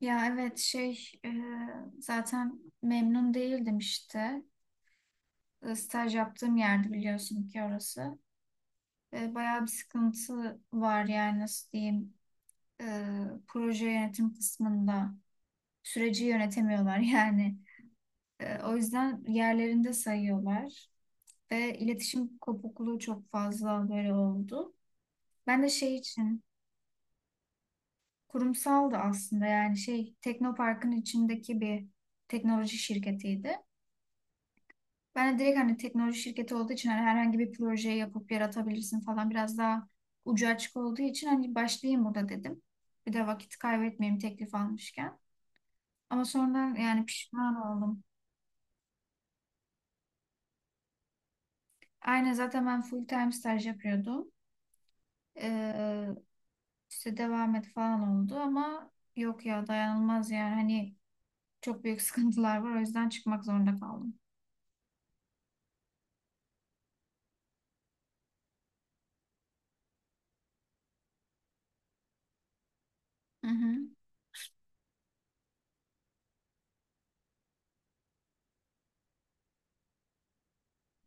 Ya evet şey e, zaten memnun değildim işte. Staj yaptığım yerde biliyorsun ki orası. Bayağı bir sıkıntı var yani nasıl diyeyim. E, proje yönetim kısmında süreci yönetemiyorlar yani. O yüzden yerlerinde sayıyorlar. Ve iletişim kopukluğu çok fazla böyle oldu. Ben de şey için kurumsaldı aslında yani şey Teknopark'ın içindeki bir teknoloji şirketiydi. Ben de direkt hani teknoloji şirketi olduğu için hani herhangi bir projeyi yapıp yaratabilirsin falan biraz daha ucu açık olduğu için hani başlayayım burada dedim. Bir de vakit kaybetmeyeyim teklif almışken. Ama sonradan yani pişman oldum. Aynen zaten ben full time staj yapıyordum. Ee, işte devam et falan oldu ama yok ya dayanılmaz yani hani çok büyük sıkıntılar var o yüzden çıkmak zorunda kaldım. Hı hı.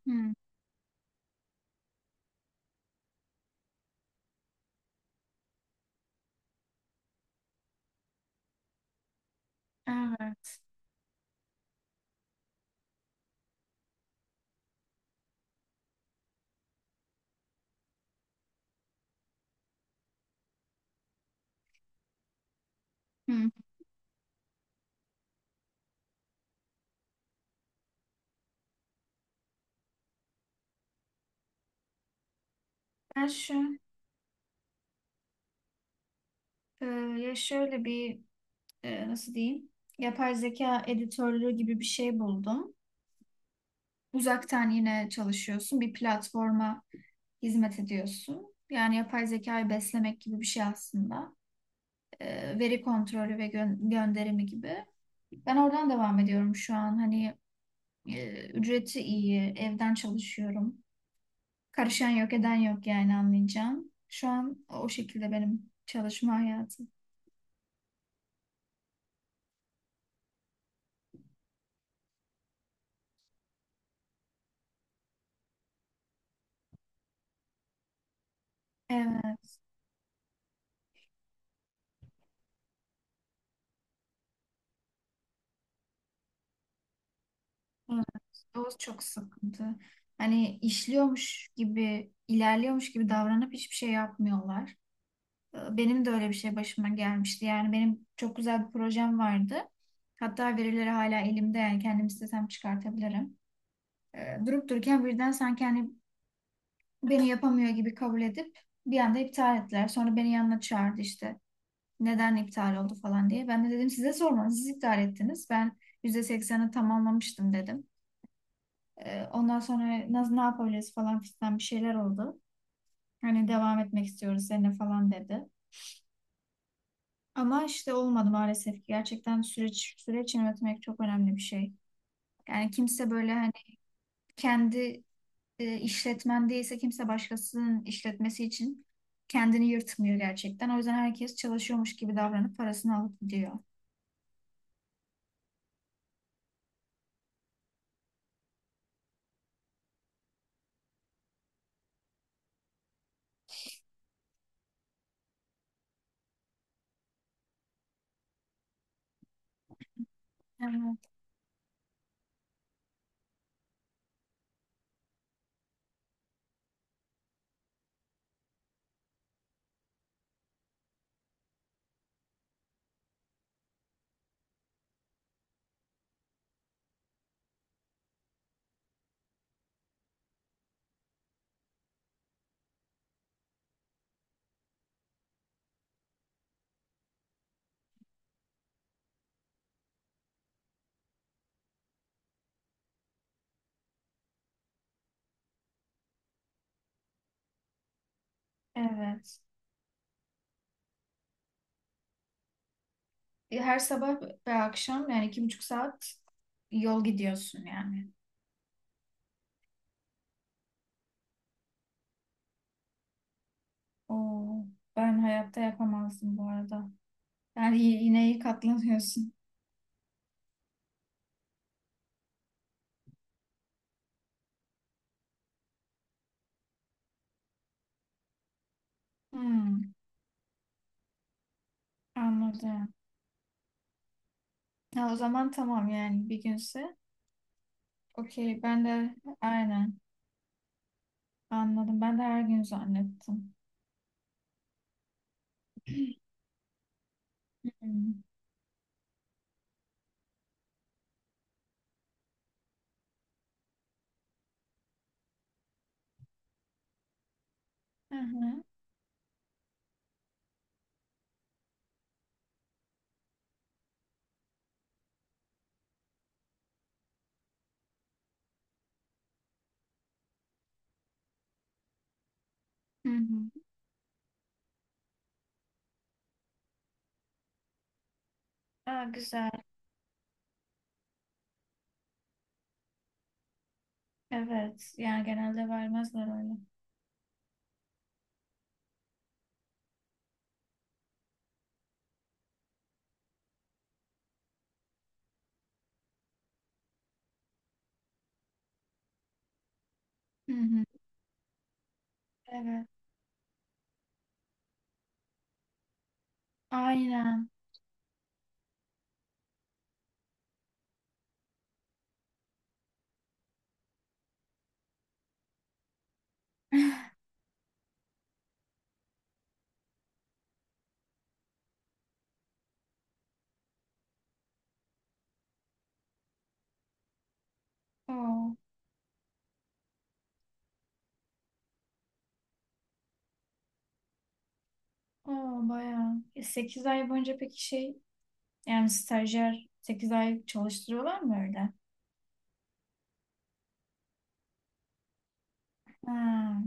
Hı. Evet. Hı. Ben şu, ya şöyle bir, nasıl diyeyim, yapay zeka editörlüğü gibi bir şey buldum. Uzaktan yine çalışıyorsun, bir platforma hizmet ediyorsun. Yani yapay zekayı beslemek gibi bir şey aslında. Veri kontrolü ve gönderimi gibi. Ben oradan devam ediyorum şu an. Hani ücreti iyi, evden çalışıyorum. Karışan yok, eden yok yani anlayacağım. Şu an o şekilde benim çalışma hayatım. Evet. Evet. O çok sıkıntı. Hani işliyormuş gibi, ilerliyormuş gibi davranıp hiçbir şey yapmıyorlar. Benim de öyle bir şey başıma gelmişti. Yani benim çok güzel bir projem vardı. Hatta verileri hala elimde yani kendim istesem çıkartabilirim. Durup dururken birden sanki hani beni yapamıyor gibi kabul edip bir anda iptal ettiler. Sonra beni yanına çağırdı işte. Neden iptal oldu falan diye. Ben de dedim size sormadım. Siz iptal ettiniz. Ben %80'ini tamamlamıştım dedim. Ondan sonra nasıl ne yapabiliriz falan filan bir şeyler oldu. Hani devam etmek istiyoruz seninle falan dedi. Ama işte olmadı maalesef ki. Gerçekten süreç yönetmek çok önemli bir şey. Yani kimse böyle hani kendi işletmen değilse kimse başkasının işletmesi için kendini yırtmıyor gerçekten. O yüzden herkes çalışıyormuş gibi davranıp parasını alıp gidiyor. Evet. Evet. Her sabah ve akşam yani 2,5 saat yol gidiyorsun yani. Oo, ben hayatta yapamazdım bu arada. Yani yine iyi katlanıyorsun. Hmm, anladım. Ha, o zaman tamam yani bir günse. Okey ben de aynen anladım. Ben de her gün zannettim. Hmm. Hı hı. Hı hı. Aa, güzel. Evet. Yani genelde vermezler öyle. Hı hı. Evet. Aynen. Oo, oo bayağı. Sekiz ay boyunca peki şey yani stajyer 8 ay çalıştırıyorlar mı öyle? Ha.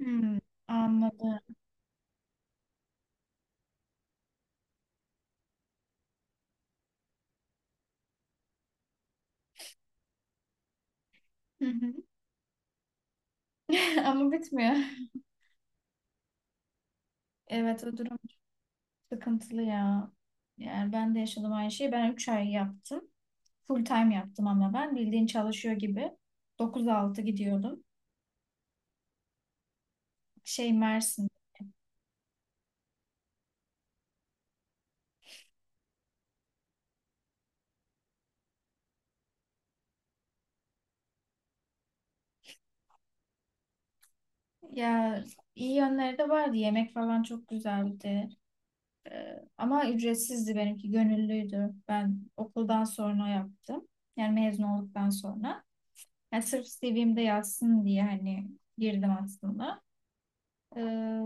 Hmm, anladım. Hı hı. Ama bitmiyor. Evet o durum sıkıntılı ya. Yani ben de yaşadım aynı şeyi. Ben 3 ay yaptım. Full time yaptım ama ben bildiğin çalışıyor gibi. 9-6 gidiyordum. Şey Mersin. Ya iyi yönleri de vardı. Yemek falan çok güzeldi. Ama ücretsizdi benimki. Gönüllüydü. Ben okuldan sonra yaptım. Yani mezun olduktan sonra. Yani sırf CV'mde yazsın diye hani girdim aslında. Ee,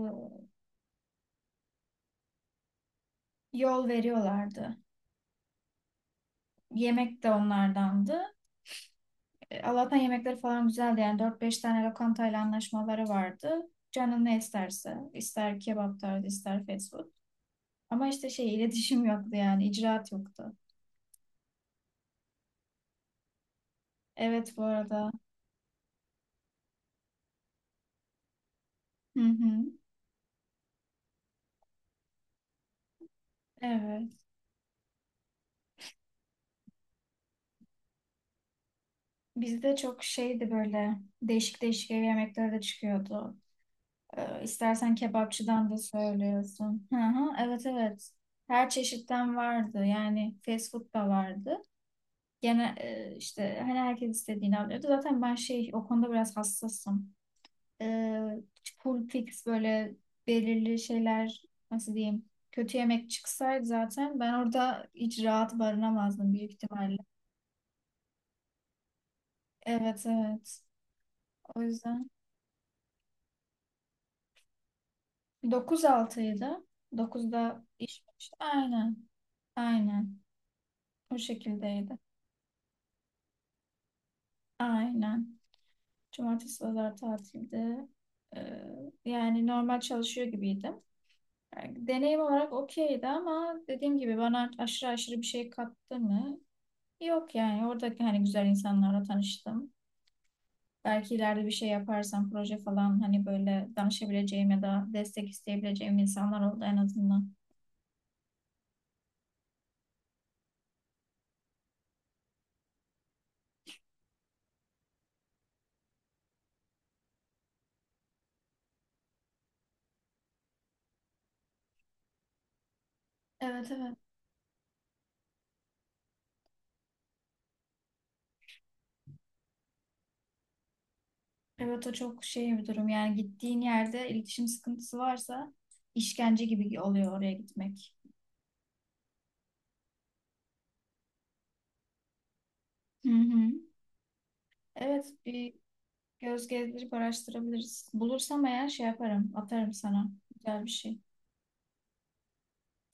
yol veriyorlardı. Yemek de onlardandı. Allah'tan yemekleri falan güzeldi. Yani 4-5 tane lokantayla anlaşmaları vardı. Canın ne isterse. İster kebap tarzı, ister fast food. Ama işte şey iletişim yoktu yani. İcraat yoktu. Evet bu arada. Hı hı. Evet. Bizde çok şeydi böyle değişik değişik ev yemekleri de çıkıyordu. İstersen kebapçıdan da söylüyorsun. Hı hı. Evet evet. Her çeşitten vardı. Yani fast food da vardı. Gene işte hani herkes istediğini alıyordu. Zaten ben şey o konuda biraz hassasım. E, full fix böyle belirli şeyler nasıl diyeyim kötü yemek çıksaydı zaten ben orada hiç rahat barınamazdım büyük ihtimalle. Evet evet. O yüzden 9-6'ydı. 9'da iş başladı. Aynen. Aynen. O şekildeydi. Aynen. Cumartesi, pazar tatildi. Ee, yani normal çalışıyor gibiydim. Yani deneyim olarak okeydi ama dediğim gibi bana aşırı aşırı bir şey kattı mı? Yok yani oradaki hani güzel insanlarla tanıştım. Belki ileride bir şey yaparsam proje falan hani böyle danışabileceğim ya da destek isteyebileceğim insanlar oldu en azından. Evet evet. Evet o çok şey bir durum. Yani gittiğin yerde iletişim sıkıntısı varsa işkence gibi oluyor oraya gitmek. Hı hı. Evet bir göz gezdirip araştırabiliriz. Bulursam eğer şey yaparım, atarım sana. Güzel bir şey.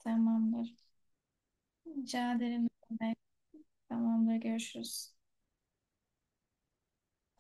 Tamamdır. Rica ederim. Demek. Tamamdır. Görüşürüz.